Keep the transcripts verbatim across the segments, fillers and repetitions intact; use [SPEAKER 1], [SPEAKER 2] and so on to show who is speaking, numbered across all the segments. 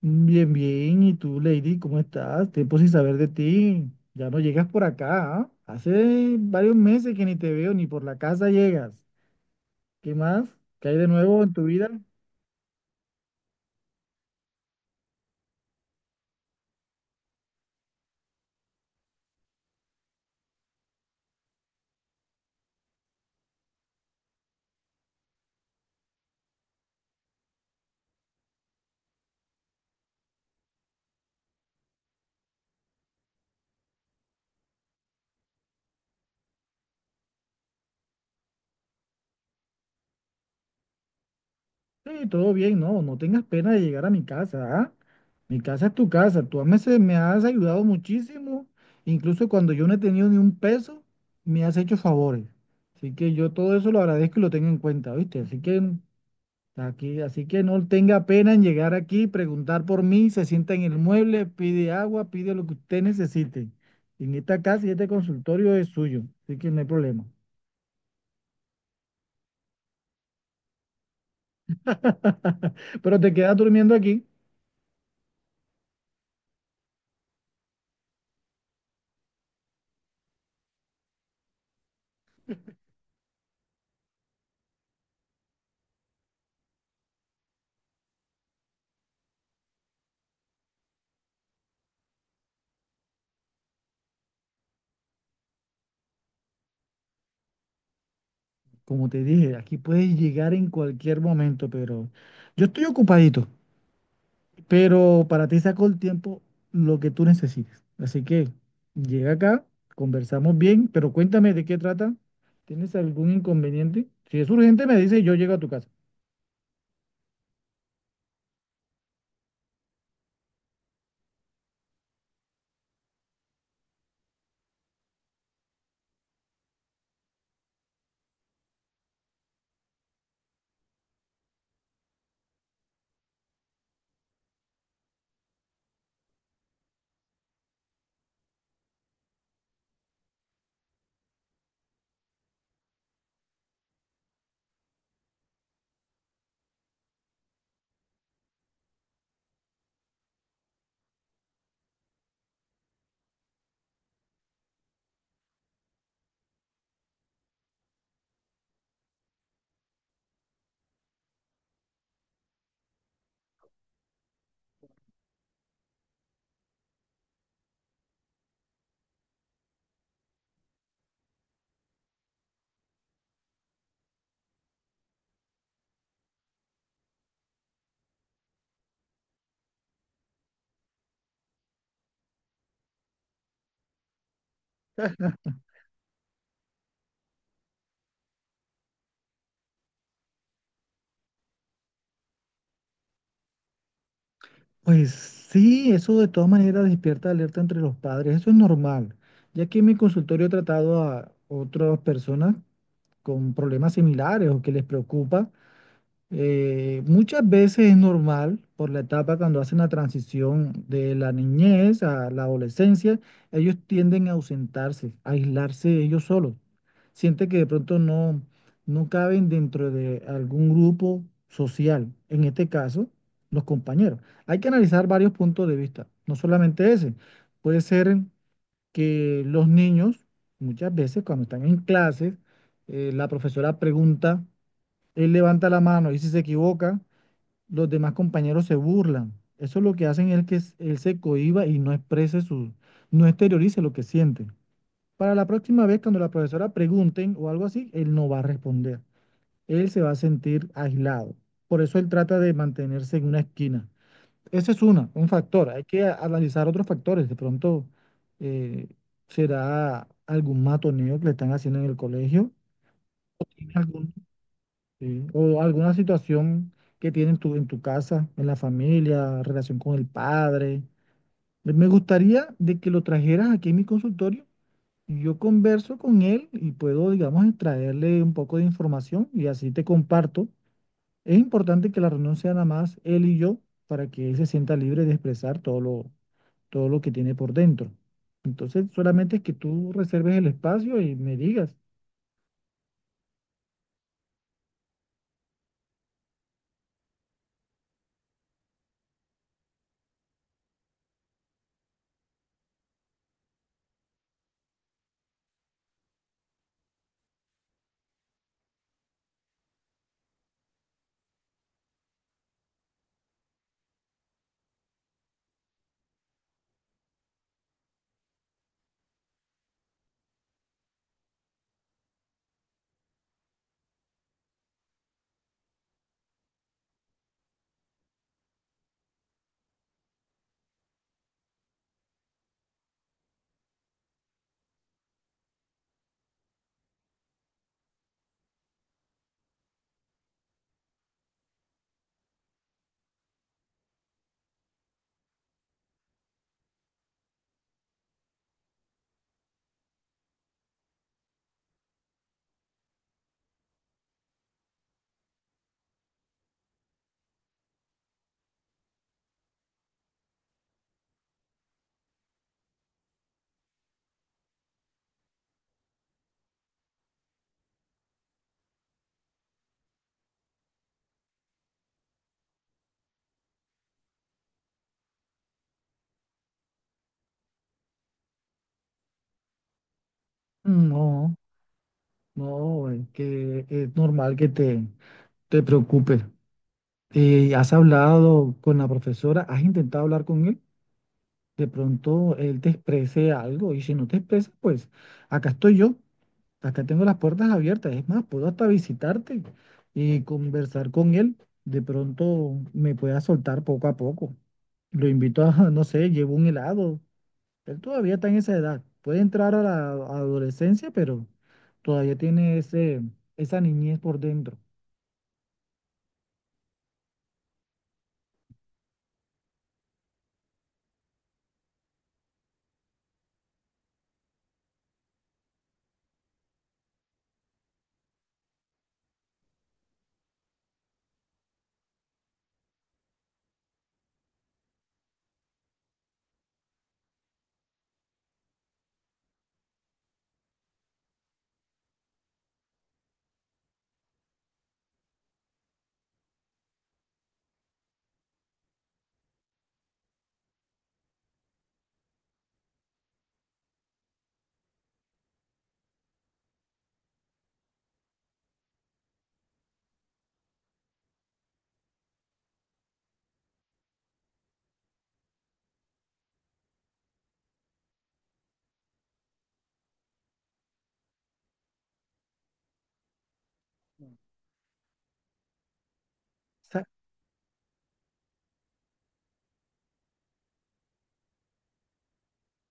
[SPEAKER 1] Bien, bien. ¿Y tú, Lady, cómo estás? Tiempo sin saber de ti. Ya no llegas por acá, ¿ah? Hace varios meses que ni te veo, ni por la casa llegas. ¿Qué más? ¿Qué hay de nuevo en tu vida? Sí, todo bien, no, no tengas pena de llegar a mi casa, ¿ah? Mi casa es tu casa. Tú me, se- me has ayudado muchísimo. Incluso cuando yo no he tenido ni un peso, me has hecho favores. Así que yo todo eso lo agradezco y lo tengo en cuenta, ¿viste? Así que está aquí, así que no tenga pena en llegar aquí, preguntar por mí, se sienta en el mueble, pide agua, pide lo que usted necesite. En esta casa y este consultorio es suyo, así que no hay problema. Pero te quedas durmiendo aquí, como te dije, aquí puedes llegar en cualquier momento, pero yo estoy ocupadito, pero para ti saco el tiempo lo que tú necesites. Así que llega acá, conversamos bien, pero cuéntame de qué trata. ¿Tienes algún inconveniente? Si es urgente, me dice y yo llego a tu casa. Pues sí, eso de todas maneras despierta alerta entre los padres, eso es normal, ya que en mi consultorio he tratado a otras personas con problemas similares o que les preocupa. Eh, muchas veces es normal por la etapa cuando hacen la transición de la niñez a la adolescencia, ellos tienden a ausentarse, a aislarse ellos solos. Siente que de pronto no, no caben dentro de algún grupo social, en este caso, los compañeros. Hay que analizar varios puntos de vista, no solamente ese. Puede ser que los niños, muchas veces cuando están en clases, eh, la profesora pregunta, él levanta la mano y si se equivoca, los demás compañeros se burlan. Eso lo que hacen es que s- él se cohíba y no exprese su, no exteriorice lo que siente. Para la próxima vez, cuando la profesora pregunten o algo así, él no va a responder. Él se va a sentir aislado. Por eso él trata de mantenerse en una esquina. Ese es una, un factor. Hay que a- analizar otros factores. De pronto eh, será algún matoneo que le están haciendo en el colegio. Sí, o alguna situación que tiene en tu, en tu casa, en la familia, relación con el padre. Me me gustaría de que lo trajeras aquí en mi consultorio, y yo converso con él y puedo, digamos, extraerle un poco de información y así te comparto. Es importante que la reunión sea nada más él y yo para que él se sienta libre de expresar todo lo, todo lo que tiene por dentro. Entonces, solamente es que tú reserves el espacio y me digas, no, no, es que es normal que te te preocupes. Eh, ¿has hablado con la profesora? ¿Has intentado hablar con él? De pronto él te exprese algo y si no te expresa, pues acá estoy yo, acá tengo las puertas abiertas. Es más, puedo hasta visitarte y conversar con él. De pronto me pueda soltar poco a poco. Lo invito a, no sé, llevo un helado. Él todavía está en esa edad. Puede entrar a la adolescencia, pero todavía tiene ese, esa niñez por dentro.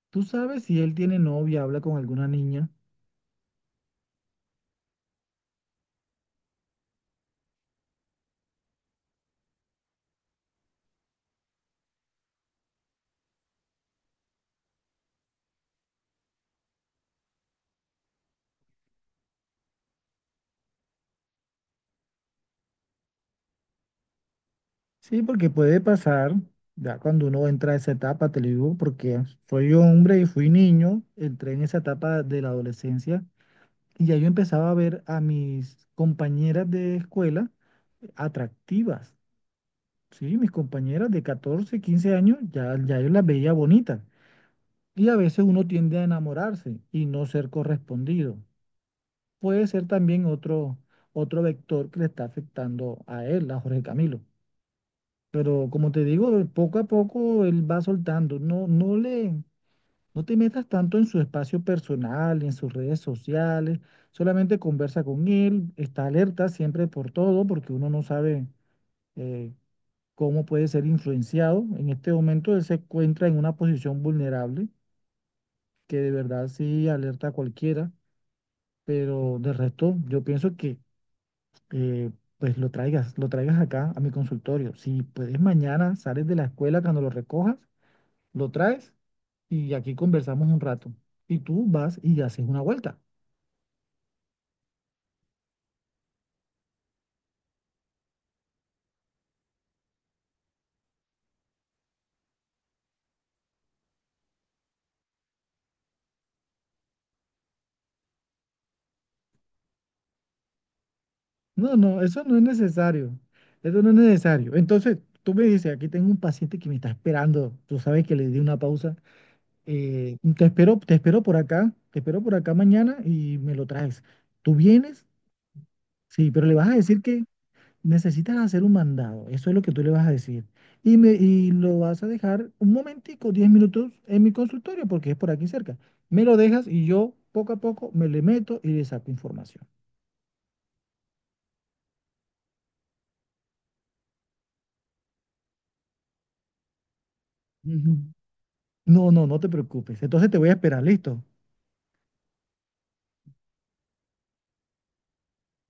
[SPEAKER 1] ¿Tú sabes si él tiene novia, habla con alguna niña? Sí, porque puede pasar, ya cuando uno entra a esa etapa, te lo digo, porque soy hombre y fui niño, entré en esa etapa de la adolescencia y ya yo empezaba a ver a mis compañeras de escuela atractivas, ¿sí? Mis compañeras de catorce quince años, ya, ya yo las veía bonitas. Y a veces uno tiende a enamorarse y no ser correspondido. Puede ser también otro, otro vector que le está afectando a él, a Jorge Camilo. Pero como te digo, eh, poco a poco él va soltando. No, no le, no te metas tanto en su espacio personal, en sus redes sociales. Solamente conversa con él, está alerta siempre por todo, porque uno no sabe eh, cómo puede ser influenciado. En este momento él se encuentra en una posición vulnerable, que de verdad sí alerta a cualquiera. Pero de resto, yo pienso que eh, pues lo traigas, lo traigas acá a mi consultorio. Si puedes mañana, sales de la escuela cuando lo recojas, lo traes y aquí conversamos un rato. Y tú vas y haces una vuelta. No, no, eso no es necesario. Eso no es necesario. Entonces, tú me dices, aquí tengo un paciente que me está esperando. Tú sabes que le di una pausa. Eh, te espero, te espero por acá. Te espero por acá mañana y me lo traes. ¿Tú vienes? Sí, pero le vas a decir que necesitas hacer un mandado, eso es lo que tú le vas a decir. Y, me, y lo vas a dejar un momentico, diez minutos en mi consultorio, porque es por aquí cerca. Me lo dejas y yo poco a poco me le meto y le saco información. Ujú. No, no, no te preocupes. Entonces te voy a esperar, ¿listo?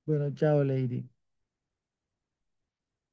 [SPEAKER 1] Bueno, chao, Lady.